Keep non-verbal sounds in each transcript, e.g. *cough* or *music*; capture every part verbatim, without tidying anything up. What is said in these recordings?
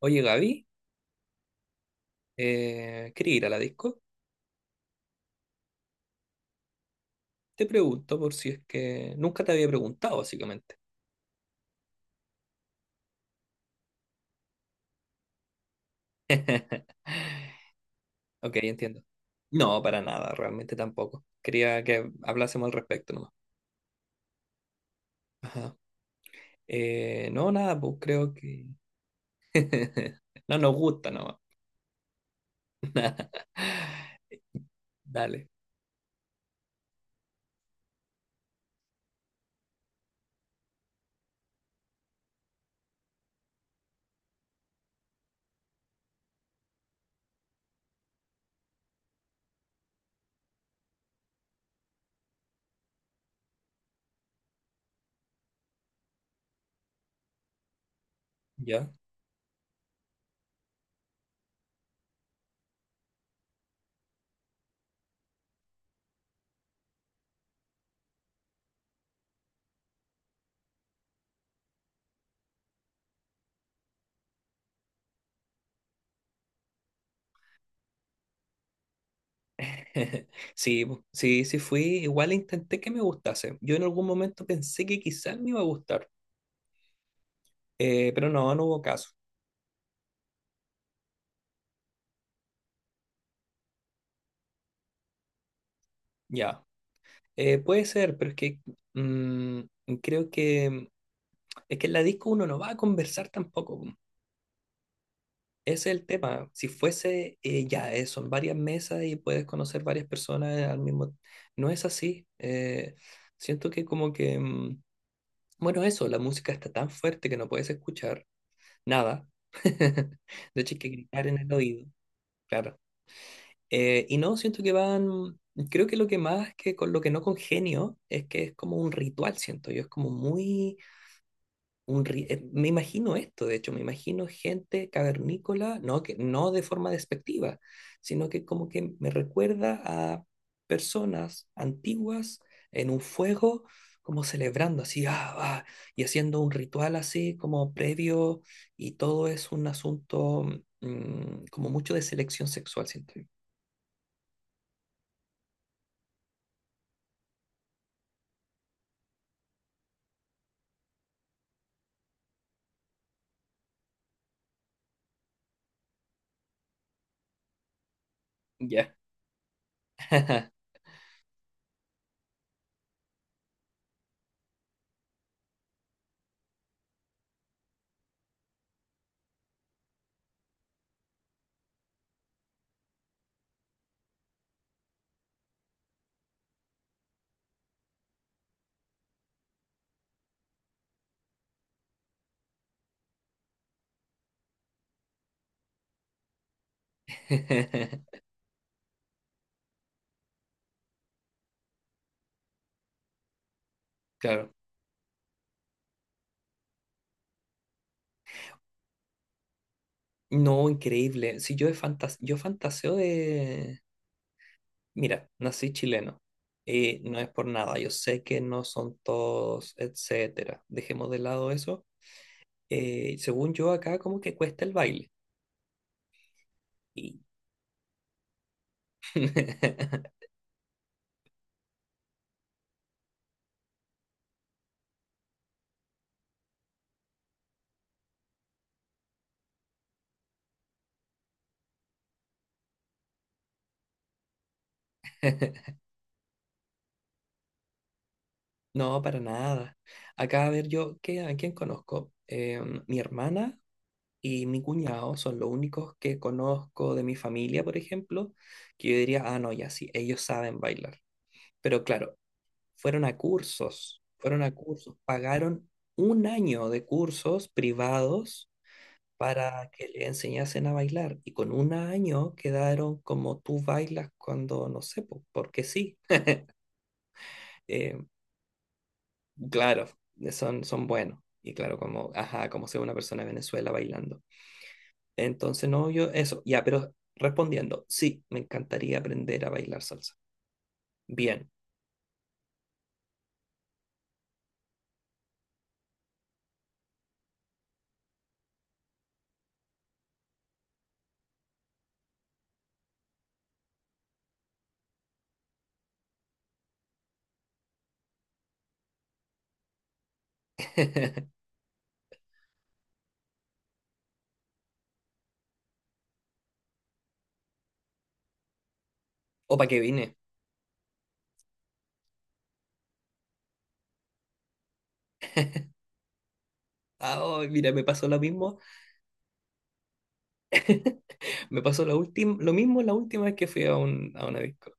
Oye, Gaby, eh, ¿quería ir a la disco? Te pregunto por si es que nunca te había preguntado, básicamente. Ok, entiendo. No, para nada, realmente tampoco. Quería que hablásemos al respecto nomás. Ajá. Eh, no, nada, pues creo que… *laughs* No nos gusta nomás. Dale, ¿ya? *laughs* Sí, pues, sí, sí fui. Igual intenté que me gustase. Yo en algún momento pensé que quizás me iba a gustar, eh, pero no, no hubo caso. Ya. Eh, puede ser, pero es que mm, creo que es que en la disco uno no va a conversar tampoco. Po. Ese es el tema. Si fuese, eh, ya, eh, son varias mesas y puedes conocer varias personas al mismo… No es así. Eh, siento que como que… mm, bueno, eso, la música está tan fuerte que no puedes escuchar nada. *laughs* De hecho, hay que gritar en el oído, claro. Eh, y no, siento que van… Creo que lo que más que con lo que no congenio es que es como un ritual, siento yo. Es como muy un ri- eh, me imagino esto, de hecho, me imagino gente cavernícola, no, que, no de forma despectiva, sino que como que me recuerda a personas antiguas en un fuego, como celebrando así, ah, ah, y haciendo un ritual así como previo, y todo es un asunto mm, como mucho de selección sexual, siento yo. Ya. *laughs* *laughs* Claro. No, increíble. Si yo he fantas yo fantaseo de, mira, nací chileno y no es por nada. Yo sé que no son todos, etcétera. Dejemos de lado eso. Eh, según yo, acá como que cuesta el baile. Y… *laughs* No, para nada. Acá, a ver, yo, ¿qué, a quién conozco? Eh, mi hermana y mi cuñado son los únicos que conozco de mi familia, por ejemplo, que yo diría, ah, no, ya sí, ellos saben bailar. Pero claro, fueron a cursos, fueron a cursos, pagaron un año de cursos privados para que le enseñasen a bailar y con un año quedaron como tú bailas cuando, no sé, po- porque sí. Eh, claro, son, son buenos. Y claro, como, ajá, como sea una persona de Venezuela bailando. Entonces, no, yo, eso, ya, pero respondiendo, sí, me encantaría aprender a bailar salsa. Bien. *laughs* ¿O para qué vine? Ah, oh, mira, me pasó lo mismo. Me pasó la última, lo mismo la última vez que fui a, un, a una disco.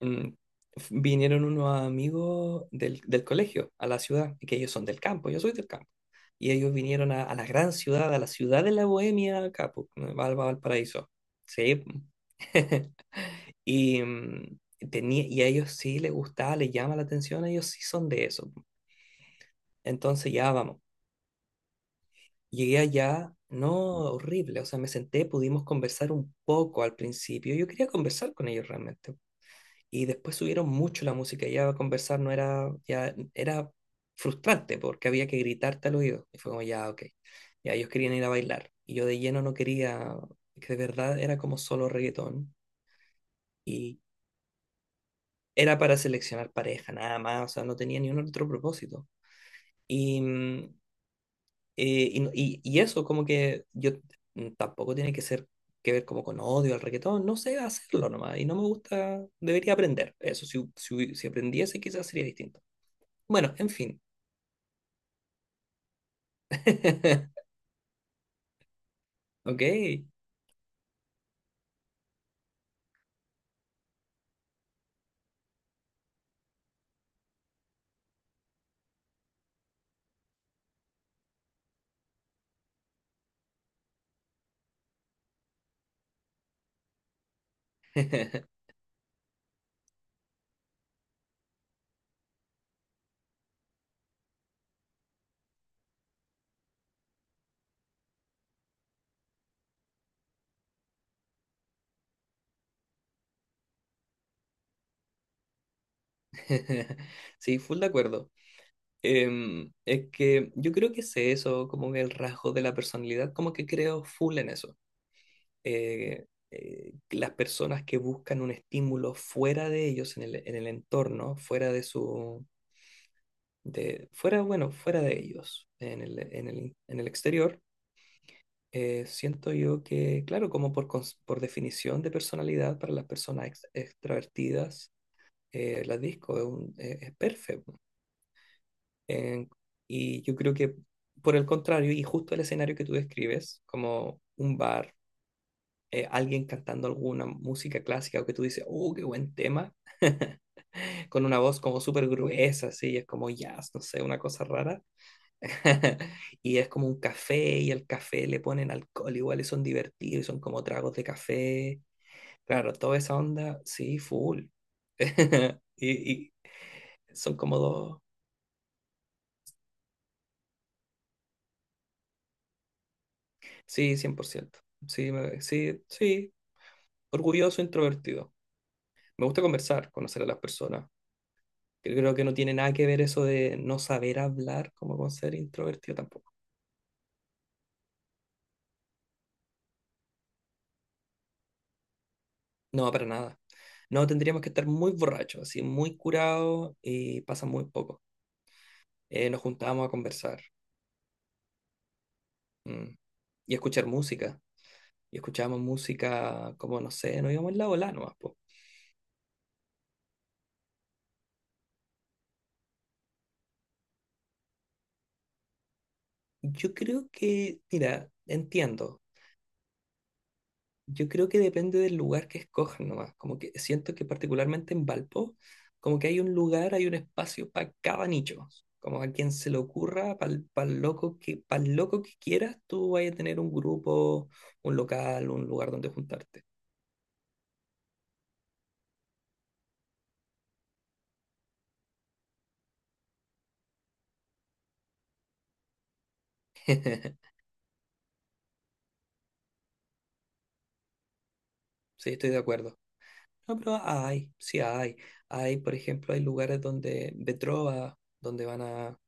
Mm, f- Vinieron unos amigos del, del colegio a la ciudad, que ellos son del campo, yo soy del campo. Y ellos vinieron a, a la gran ciudad, a la ciudad de la Bohemia, acá, po, Val- Valparaíso. Sí. *laughs* Y, mm, tenía, y a ellos sí les gustaba, les llama la atención, ellos sí son de eso. Entonces ya vamos. Llegué allá, no horrible, o sea, me senté, pudimos conversar un poco al principio. Yo quería conversar con ellos realmente y después subieron mucho la música y ya conversar no era, ya era frustrante porque había que gritarte al oído. Y fue como, ya, ok, ya ellos querían ir a bailar. Y yo de lleno no quería, que de verdad era como solo reggaetón y era para seleccionar pareja, nada más, o sea, no tenía ni un otro propósito. Y, mm, eh, y, no- y- y eso como que yo mm, tampoco tiene que ser que ver como con odio al reggaetón, no sé hacerlo nomás y no me gusta, debería aprender eso, si, si, si aprendiese quizás sería distinto. Bueno, en fin. *laughs* Ok. *laughs* Sí, full de acuerdo. Em, es que yo creo que sé eso, como que el rasgo de la personalidad, como que creo full en eso. Eh, eh, las personas que buscan un estímulo fuera de ellos, en el, en el entorno, fuera de su, de, fuera, bueno, fuera de ellos, en el, en el, en el exterior, eh, siento yo que, claro, como por, cons- por definición de personalidad para las personas ex- extrovertidas, eh, la disco, es, un, eh, es perfecto. Eh, y yo creo que por el contrario, y justo el escenario que tú describes, como un bar, eh, alguien cantando alguna música clásica o que tú dices, oh, qué buen tema, *laughs* con una voz como súper gruesa, así, es como jazz, no sé, una cosa rara. *laughs* Y es como un café y al café le ponen alcohol, igual y son divertidos, y son como tragos de café. Claro, toda esa onda, sí, full. *laughs* Y, y son como dos. Sí, cien por ciento. Sí, me- sí, sí, orgulloso, introvertido. Me gusta conversar, conocer a las personas. Yo creo que no tiene nada que ver eso de no saber hablar como con ser introvertido tampoco. No, para nada. No, tendríamos que estar muy borrachos, así, muy curados y pasa muy poco. Eh, nos juntábamos a conversar mm, y a escuchar música. Y escuchábamos música como, no sé, nos íbamos en la bola nomás, po. Yo creo que, mira, entiendo. Yo creo que depende del lugar que escojan nomás. Como que siento que particularmente en Valpo, como que hay un lugar, hay un espacio para cada nicho. Como a quien se le ocurra, para el loco que, para loco que quieras, tú vas a tener un grupo, un local, un lugar donde juntarte. *laughs* Sí, estoy de acuerdo. No, pero hay, sí hay. Hay, por ejemplo, hay lugares donde, de trova, donde van a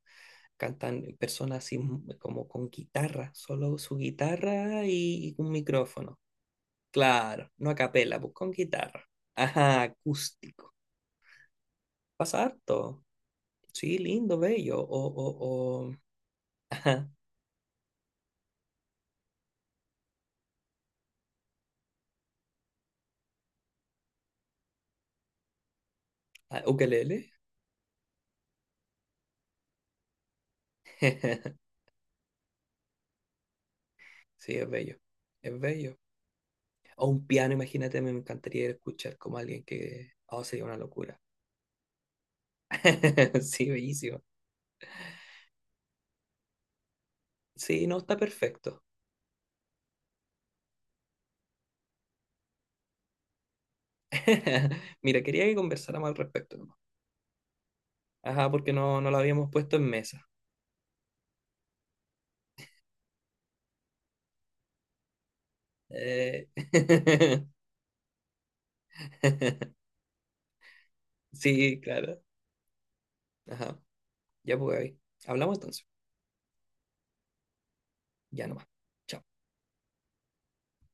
cantar personas así como con guitarra, solo su guitarra y, y un micrófono. Claro, no a capela, pues con guitarra. Ajá, acústico. Pasa harto. Sí, lindo, bello. O, o, o. *laughs* Ajá, ah, ukelele. *laughs* Sí, es bello. Es bello. O un piano, imagínate, me encantaría escuchar como alguien que. Oh, sería una locura. *laughs* Sí, bellísimo. Sí, no, está perfecto. *laughs* Mira, quería que conversáramos al respecto nomás. Ajá, porque no, no lo habíamos puesto en mesa. Eh, *laughs* Sí, claro. Ajá, ya pues, Gaby. Hablamos entonces. Ya no más. Chao.